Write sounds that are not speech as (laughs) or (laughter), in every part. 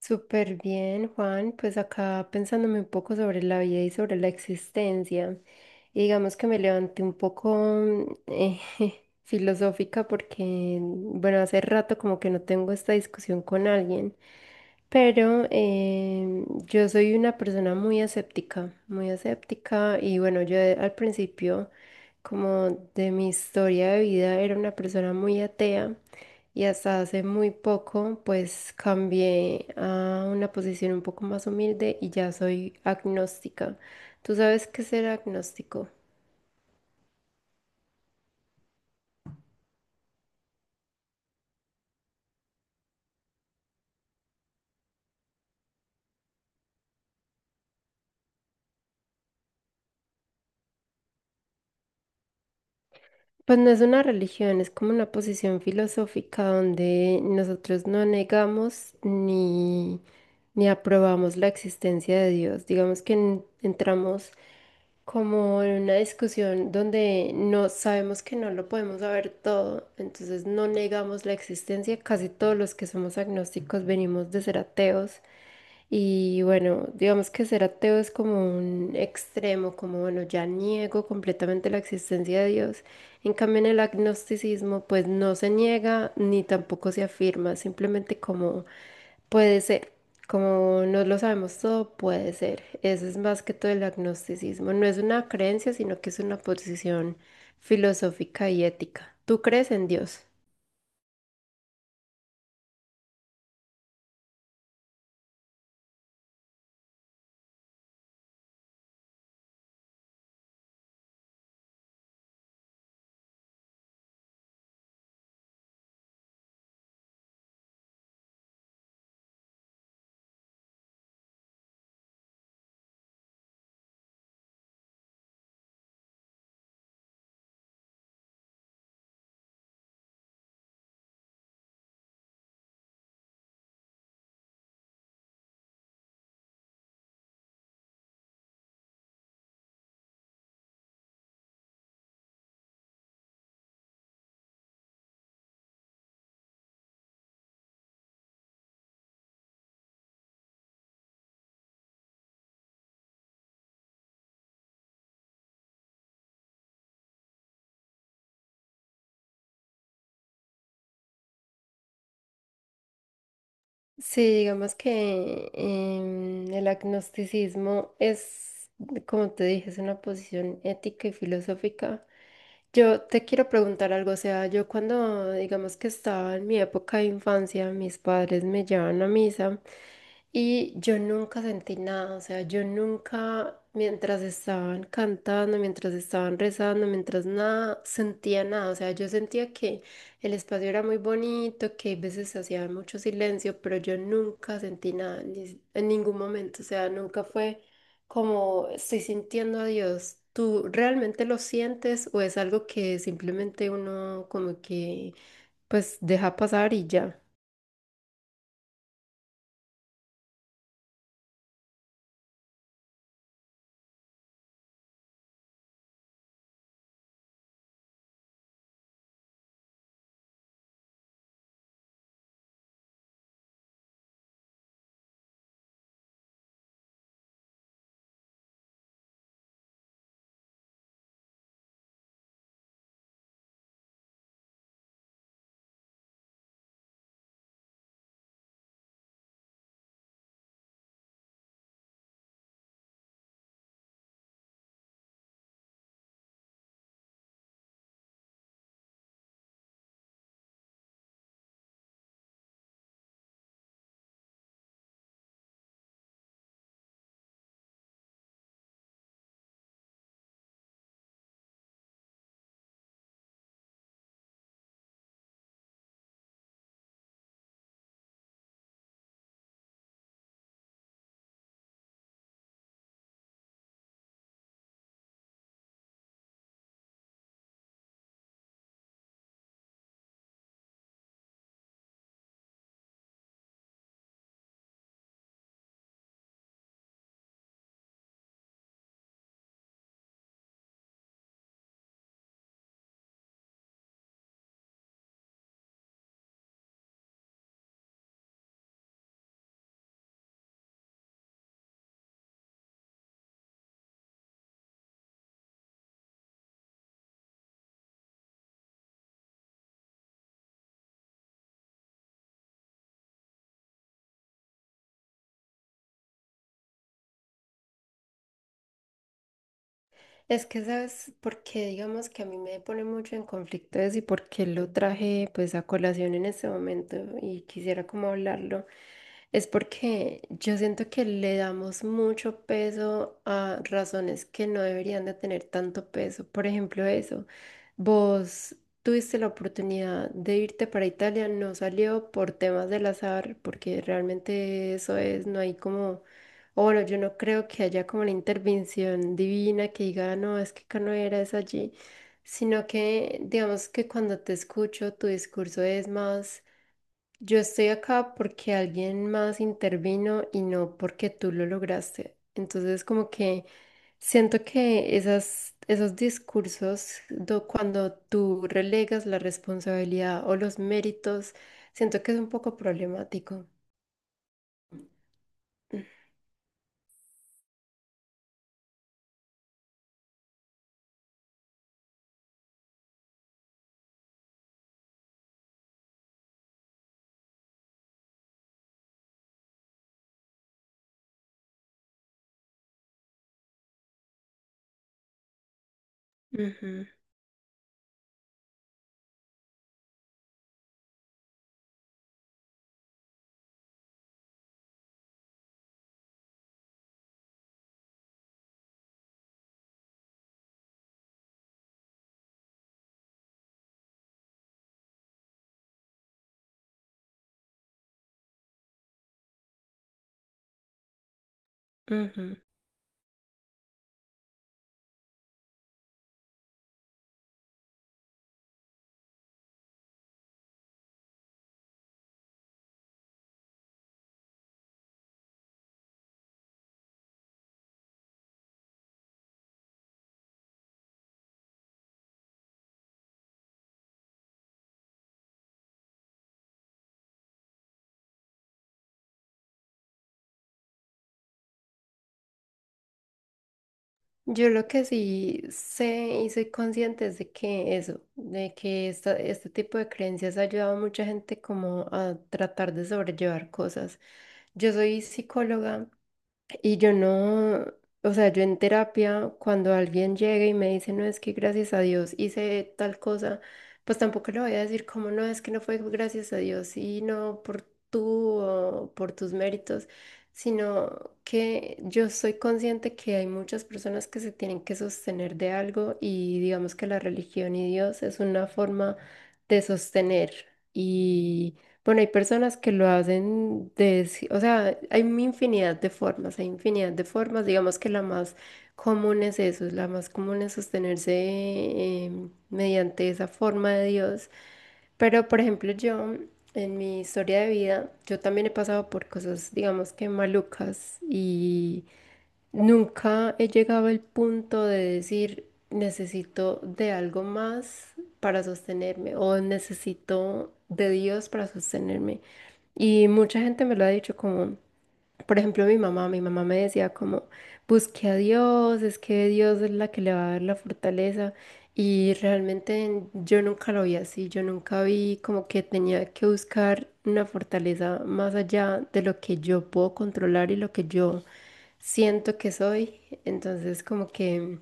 Súper bien, Juan. Pues acá pensándome un poco sobre la vida y sobre la existencia. Y digamos que me levanté un poco (laughs) filosófica porque, bueno, hace rato como que no tengo esta discusión con alguien. Pero yo soy una persona muy aséptica, muy aséptica. Y bueno, yo al principio, como de mi historia de vida, era una persona muy atea. Y hasta hace muy poco, pues cambié a una posición un poco más humilde y ya soy agnóstica. ¿Tú sabes qué es ser agnóstico? Pues no es una religión, es como una posición filosófica donde nosotros no negamos ni aprobamos la existencia de Dios. Digamos que entramos como en una discusión donde no sabemos que no lo podemos saber todo, entonces no negamos la existencia. Casi todos los que somos agnósticos venimos de ser ateos y bueno, digamos que ser ateo es como un extremo, como bueno, ya niego completamente la existencia de Dios. En cambio, en el agnosticismo, pues no se niega ni tampoco se afirma, simplemente como puede ser, como no lo sabemos todo, puede ser. Eso es más que todo el agnosticismo. No es una creencia, sino que es una posición filosófica y ética. ¿Tú crees en Dios? Sí, digamos que el agnosticismo es, como te dije, es una posición ética y filosófica. Yo te quiero preguntar algo, o sea, yo cuando, digamos que estaba en mi época de infancia, mis padres me llevaban a misa y yo nunca sentí nada, o sea, yo nunca, mientras estaban cantando, mientras estaban rezando, mientras nada, sentía nada, o sea, yo sentía que el espacio era muy bonito, que a veces hacía mucho silencio, pero yo nunca sentí nada, en ningún momento. O sea, nunca fue como estoy sintiendo a Dios. ¿Tú realmente lo sientes o es algo que simplemente uno como que pues deja pasar y ya? Es que sabes porque digamos que a mí me pone mucho en conflicto eso y por qué lo traje pues a colación en este momento y quisiera como hablarlo. Es porque yo siento que le damos mucho peso a razones que no deberían de tener tanto peso. Por ejemplo, eso, vos tuviste la oportunidad de irte para Italia, no salió por temas del azar, porque realmente eso es, no hay como o bueno, yo no creo que haya como la intervención divina que diga, no, es que acá no era, es allí, sino que digamos que cuando te escucho tu discurso es más, yo estoy acá porque alguien más intervino y no porque tú lo lograste. Entonces como que siento que esas, esos discursos, cuando tú relegas la responsabilidad o los méritos, siento que es un poco problemático. Ujú, ujú. Yo lo que sí sé y soy consciente es de que eso, de que este tipo de creencias ha ayudado a mucha gente como a tratar de sobrellevar cosas. Yo soy psicóloga y yo no, o sea, yo en terapia, cuando alguien llega y me dice, no, es que gracias a Dios hice tal cosa, pues tampoco le voy a decir como, no, es que no fue gracias a Dios, sino por tú o por tus méritos, sino que yo soy consciente que hay muchas personas que se tienen que sostener de algo y digamos que la religión y Dios es una forma de sostener. Bueno, hay personas que lo hacen de, o sea, hay una infinidad de formas, hay infinidad de formas, digamos que la más común es eso, la más común es sostenerse mediante esa forma de Dios. Pero, por ejemplo, yo, en mi historia de vida, yo también he pasado por cosas, digamos que malucas y nunca he llegado al punto de decir necesito de algo más para sostenerme o necesito de Dios para sostenerme. Y mucha gente me lo ha dicho como... Por ejemplo, mi mamá me decía como, busque a Dios, es que Dios es la que le va a dar la fortaleza. Y realmente yo nunca lo vi así, yo nunca vi como que tenía que buscar una fortaleza más allá de lo que yo puedo controlar y lo que yo siento que soy. Entonces, como que,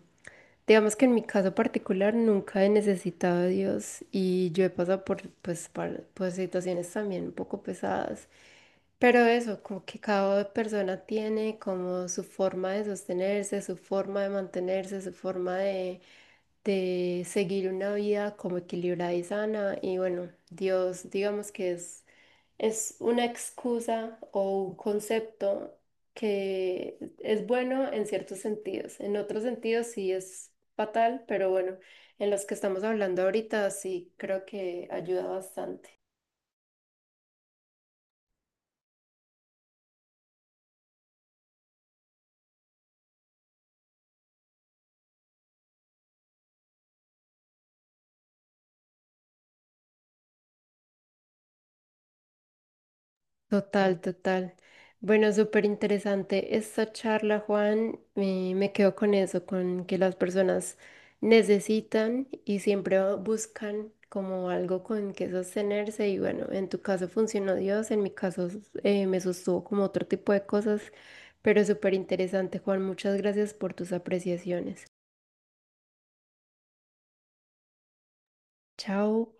digamos que en mi caso particular nunca he necesitado a Dios y yo he pasado por, pues, por situaciones también un poco pesadas. Pero eso, como que cada persona tiene como su forma de sostenerse, su forma de mantenerse, su forma de seguir una vida como equilibrada y sana. Y bueno, Dios, digamos que es una excusa o un concepto que es bueno en ciertos sentidos. En otros sentidos sí es fatal, pero bueno, en los que estamos hablando ahorita sí creo que ayuda bastante. Total, total. Bueno, súper interesante esta charla, Juan. Me quedo con eso, con que las personas necesitan y siempre buscan como algo con que sostenerse. Y bueno, en tu caso funcionó Dios, en mi caso me sostuvo como otro tipo de cosas, pero súper interesante, Juan. Muchas gracias por tus apreciaciones. Chao.